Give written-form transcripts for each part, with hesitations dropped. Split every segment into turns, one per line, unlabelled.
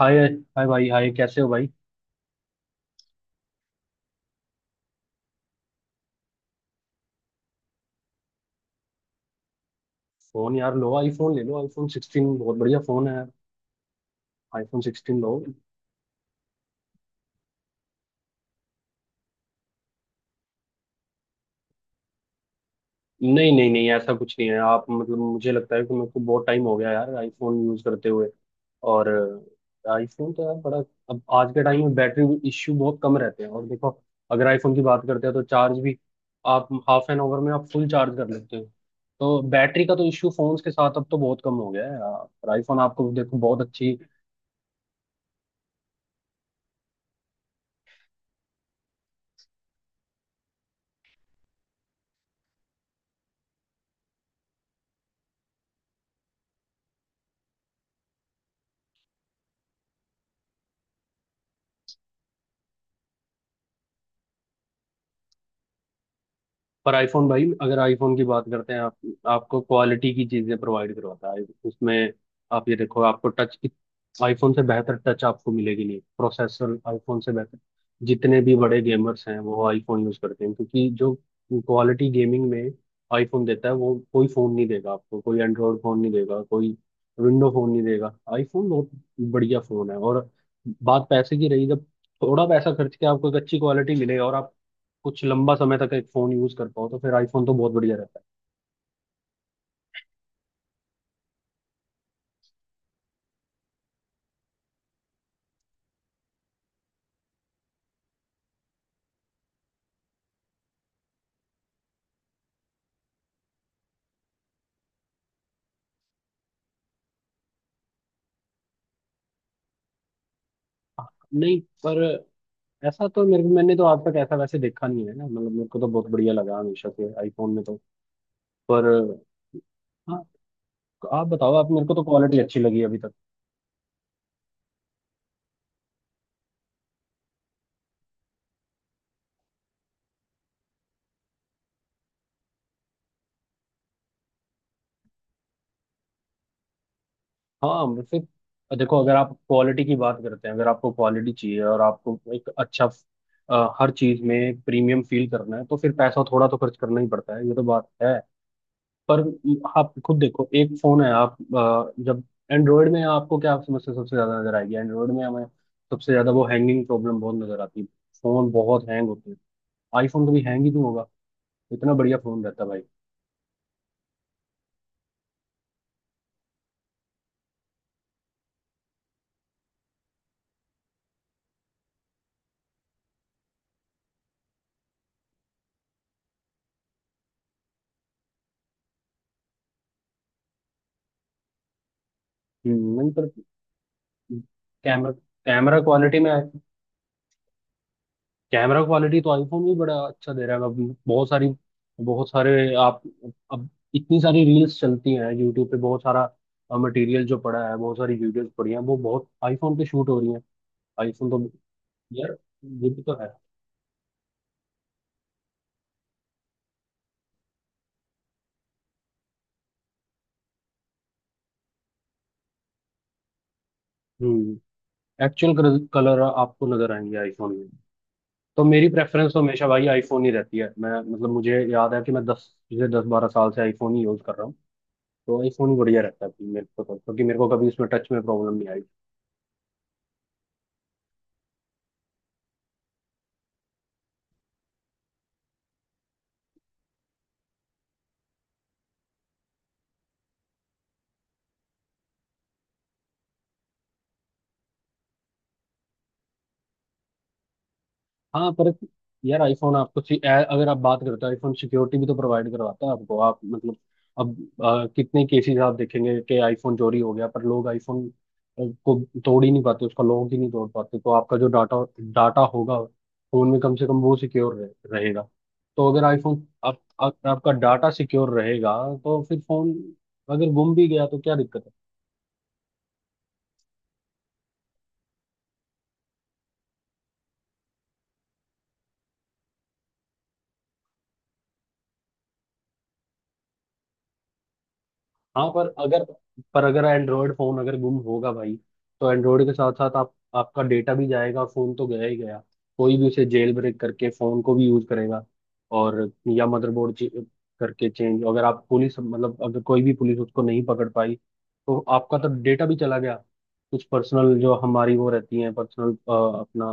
हाय। Hi भाई, hi, कैसे हो भाई? फोन यार लो, आईफोन ले लो। आईफोन 16 बहुत बढ़िया फोन है। आईफोन 16 लो। नहीं नहीं नहीं, ऐसा कुछ नहीं है। आप मतलब मुझे लगता है कि मेरे को बहुत टाइम हो गया यार आईफोन यूज करते हुए। और आईफोन तो यार बड़ा, अब आज के टाइम में बैटरी इश्यू बहुत कम रहते हैं। और देखो, अगर आईफोन की बात करते हैं तो चार्ज भी आप हाफ एन आवर में आप फुल चार्ज कर लेते हो। तो बैटरी का तो इश्यू फोन्स के साथ अब तो बहुत कम हो गया है। और आईफोन आपको देखो बहुत अच्छी। पर आईफोन भाई, अगर आईफोन की बात करते हैं आप, आपको क्वालिटी की चीजें प्रोवाइड करवाता है उसमें। आप ये देखो, आपको टच, आईफोन से बेहतर टच आपको मिलेगी नहीं। प्रोसेसर आईफोन से बेहतर। जितने भी बड़े गेमर्स हैं वो आईफोन यूज करते हैं, क्योंकि जो क्वालिटी गेमिंग में आईफोन देता है वो कोई फोन नहीं देगा आपको। कोई एंड्रॉयड फोन नहीं देगा, कोई विंडो फोन नहीं देगा। आईफोन बहुत बढ़िया फोन है। और बात पैसे की रही, जब थोड़ा पैसा खर्च के आपको एक अच्छी क्वालिटी मिले और आप कुछ लंबा समय तक एक फोन यूज कर पाओ, तो फिर आईफोन तो बहुत बढ़िया रहता है। नहीं, पर ऐसा तो मेरे मैंने तो आज तक ऐसा वैसे देखा नहीं है ना। मतलब मेरे को तो बहुत बढ़िया लगा हमेशा से आईफोन में। तो पर हाँ, आप बताओ, आप, मेरे को तो क्वालिटी अच्छी लगी अभी तक। हाँ फिर देखो, अगर आप क्वालिटी की बात करते हैं, अगर आपको क्वालिटी चाहिए और आपको एक अच्छा, हर चीज में प्रीमियम फील करना है, तो फिर पैसा थोड़ा तो खर्च करना ही पड़ता है, ये तो बात। पर आप खुद देखो, एक फोन है आप, जब एंड्रॉयड में आपको क्या समस्या सबसे ज्यादा नजर आएगी, एंड्रॉयड में हमें सबसे ज्यादा वो हैंगिंग प्रॉब्लम बहुत नजर आती है। फोन बहुत हैंग होते हैं। आईफोन तो भी हैंग ही नहीं होगा। इतना बढ़िया फोन रहता है भाई। नहीं, पर कैमरा, कैमरा क्वालिटी में, कैमरा क्वालिटी तो आईफोन भी बड़ा अच्छा दे रहा है। अब बहुत सारी, बहुत सारे आप, अब इतनी सारी रील्स चलती हैं यूट्यूब पे। बहुत सारा मटेरियल जो पड़ा है, बहुत सारी वीडियोस पड़ी हैं, वो बहुत आईफोन पे शूट हो रही हैं। आईफोन तो यार। ये भी तो है। हम्म। एक्चुअल कलर आपको नजर आएंगे आईफोन में। तो मेरी प्रेफरेंस तो हमेशा भाई आईफोन ही रहती है। मैं मतलब मुझे याद है कि मैं 10-12 साल से आईफोन ही यूज कर रहा हूँ। तो आईफोन ही बढ़िया रहता है मेरे को तो, क्योंकि मेरे को कभी इसमें टच में प्रॉब्लम नहीं आई। हाँ पर यार, आईफोन आपको अगर आप बात करो तो आईफोन सिक्योरिटी भी तो प्रोवाइड करवाता है आपको। आप मतलब अब, कितने केसेस आप देखेंगे कि आईफोन चोरी हो गया, पर लोग आईफोन को तोड़ ही नहीं पाते, उसका लॉक ही नहीं तोड़ पाते। तो आपका जो डाटा, डाटा होगा फोन में, कम से कम वो सिक्योर रहेगा। तो अगर आईफोन आपका डाटा सिक्योर रहेगा। तो फिर फोन अगर गुम भी गया तो क्या दिक्कत है? हाँ पर अगर, पर अगर एंड्रॉयड फोन अगर गुम होगा भाई, तो एंड्रॉयड के साथ साथ आप आपका डेटा भी जाएगा, फोन तो गया ही गया। कोई भी उसे जेल ब्रेक करके फोन को भी यूज करेगा। और या मदरबोर्ड करके चेंज, अगर आप पुलिस मतलब, अगर कोई भी पुलिस उसको नहीं पकड़ पाई तो आपका तो डेटा भी चला गया। कुछ पर्सनल जो हमारी वो रहती है पर्सनल अपना।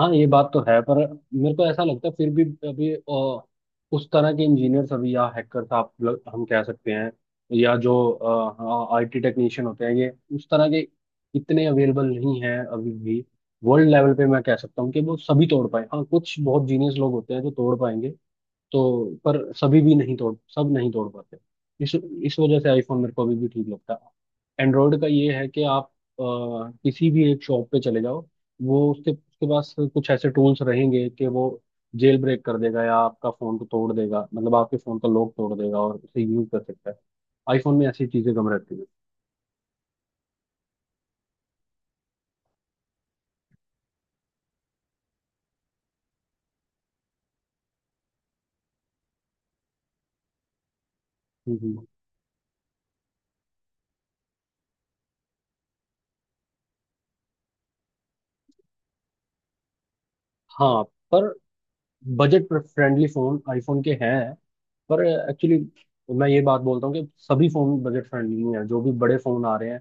हाँ, ये बात तो है, पर मेरे को ऐसा लगता है फिर भी अभी उस तरह के इंजीनियर्स अभी, या हैकर्स, हम कह सकते हैं, या जो आईटी टेक्नीशियन होते हैं, ये उस तरह के इतने अवेलेबल नहीं हैं अभी भी वर्ल्ड लेवल पे। मैं कह सकता हूँ कि वो सभी तोड़ पाए। हाँ, कुछ बहुत जीनियस लोग होते हैं जो तोड़ पाएंगे, तो पर सभी भी नहीं तोड़, सब नहीं तोड़ पाते। इस वजह से आईफोन मेरे को अभी भी ठीक लगता है। एंड्रॉयड का ये है कि आप अ, किसी भी एक शॉप पे चले जाओ, वो उसके उसके पास कुछ ऐसे टूल्स रहेंगे कि वो जेल ब्रेक कर देगा या आपका फोन को तोड़ देगा, मतलब आपके फोन का लॉक तोड़ देगा और उसे यूज कर सकता है। आईफोन में ऐसी चीजें कम रहती हैं। हम्म, हाँ, पर बजट फ्रेंडली फोन आईफोन के हैं। पर एक्चुअली मैं ये बात बोलता हूँ कि सभी फोन बजट फ्रेंडली नहीं है। जो भी बड़े फोन आ रहे हैं,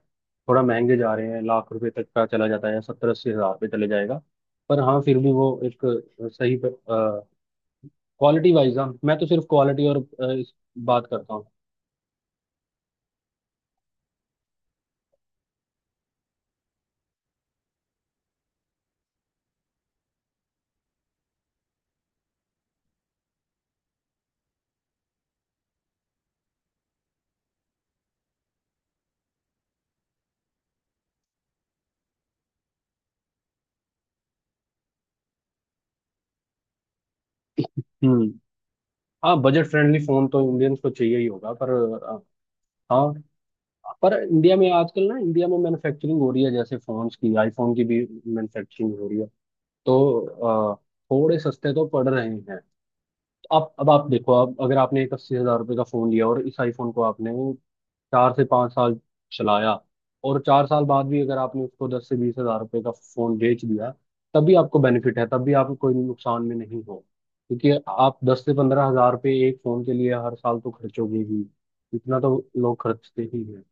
थोड़ा महंगे जा रहे हैं, लाख रुपए तक का चला जाता है, 70-80 हज़ार रुपये चले जाएगा। पर हाँ, फिर भी वो एक सही क्वालिटी वाइज। हाँ मैं तो सिर्फ क्वालिटी और इस बात करता हूँ। हम्म। हाँ, बजट फ्रेंडली फोन तो इंडियंस को चाहिए ही होगा। पर अ, हाँ, पर इंडिया में आजकल ना, इंडिया में मैन्युफैक्चरिंग हो रही है, जैसे फोन्स की, आईफोन की भी मैन्युफैक्चरिंग हो रही है। तो थोड़े सस्ते तो पड़ रहे हैं। तो आप, अब आप देखो, अब अगर आपने एक 80 हज़ार रुपये का फोन लिया और इस आईफोन को आपने 4 से 5 साल चलाया, और 4 साल बाद भी अगर आपने उसको 10 से 20 हज़ार रुपये का फोन बेच दिया, तब भी आपको बेनिफिट है, तब भी आपको कोई नुकसान में नहीं हो। क्योंकि आप 10 से 15 हज़ार रुपये एक फोन के लिए हर साल तो खर्चोगे ही। इतना तो लोग खर्चते ही हैं।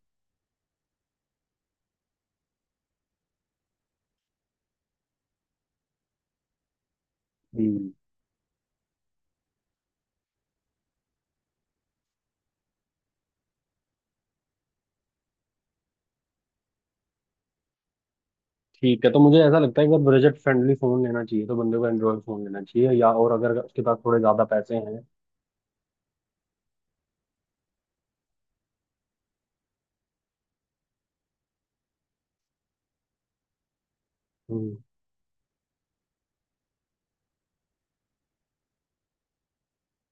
हम्म। ठीक है, तो मुझे ऐसा लगता है कि अगर बजट फ्रेंडली फोन लेना चाहिए तो बंदे को एंड्रॉयड फोन लेना चाहिए, या और अगर उसके पास थोड़े ज्यादा पैसे हैं। हम्म।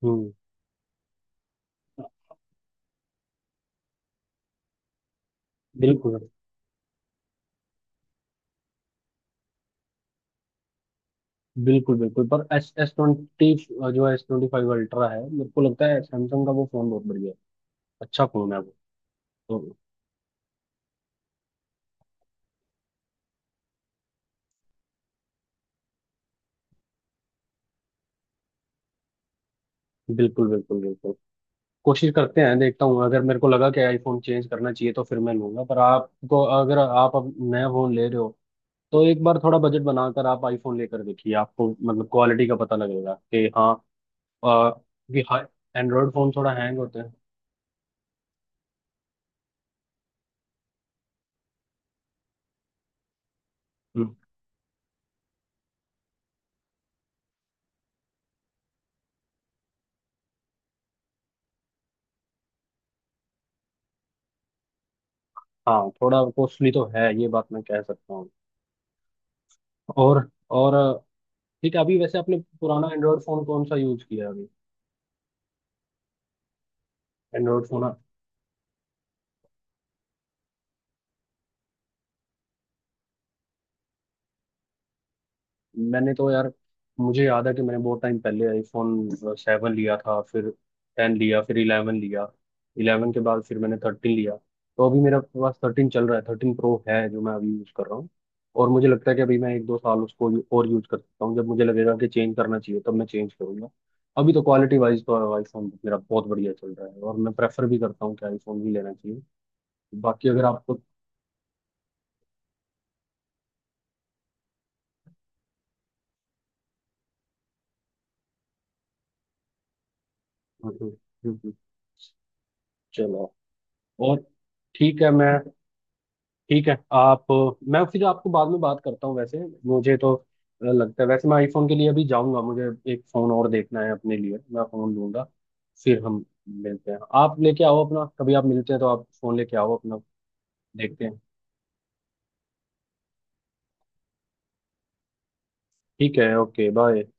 हम्म। बिल्कुल बिल्कुल बिल्कुल, पर एस एस ट्वेंटी जो है, S25 Ultra है, मेरे को लगता है सैमसंग का, वो फोन बहुत बढ़िया है, अच्छा फोन है वो। तो बिल्कुल बिल्कुल बिल्कुल। कोशिश करते हैं, देखता हूँ, अगर मेरे को लगा कि आईफोन चेंज करना चाहिए तो फिर मैं लूंगा। पर आपको, अगर आप अब नया फोन ले रहे हो, तो एक बार थोड़ा बजट बनाकर आप आईफोन लेकर देखिए, आपको मतलब क्वालिटी का पता लगेगा कि हाँ, क्योंकि हाँ, एंड्रॉयड फोन थोड़ा हैंग होते हैं। हम्म, हाँ, थोड़ा कॉस्टली तो है, ये बात मैं कह सकता हूँ। और और ठीक है, अभी वैसे आपने पुराना एंड्रॉयड फोन कौन सा यूज किया है अभी? Android phone? मैंने तो यार, मुझे याद है कि मैंने बहुत टाइम पहले आईफोन 7 लिया था, फिर 10 लिया, फिर 11 लिया। इलेवन के बाद फिर मैंने 13 लिया। तो अभी मेरे पास 13 चल रहा है, 13 Pro है जो मैं अभी यूज़ कर रहा हूँ। और मुझे लगता है कि अभी मैं एक दो साल उसको और यूज़ कर सकता हूँ। जब मुझे लगेगा कि चेंज करना चाहिए तब मैं चेंज करूंगा। अभी तो क्वालिटी वाइज तो आईफोन मेरा बहुत बढ़िया चल रहा है और मैं प्रेफर भी करता हूँ कि आईफोन ही लेना चाहिए। बाकी अगर आपको। हम्म। हम्म। हम्म। चलो। और ठीक है, मैं, ठीक है आप, मैं फिर आपको बाद में बात करता हूँ। वैसे मुझे तो लगता है, वैसे मैं आईफोन के लिए अभी जाऊंगा। मुझे एक फ़ोन और देखना है अपने लिए, मैं फ़ोन लूंगा, फिर हम मिलते हैं। आप लेके आओ अपना कभी, आप मिलते हैं तो आप फ़ोन लेके आओ अपना। देखते हैं। ठीक है, ओके, बाय।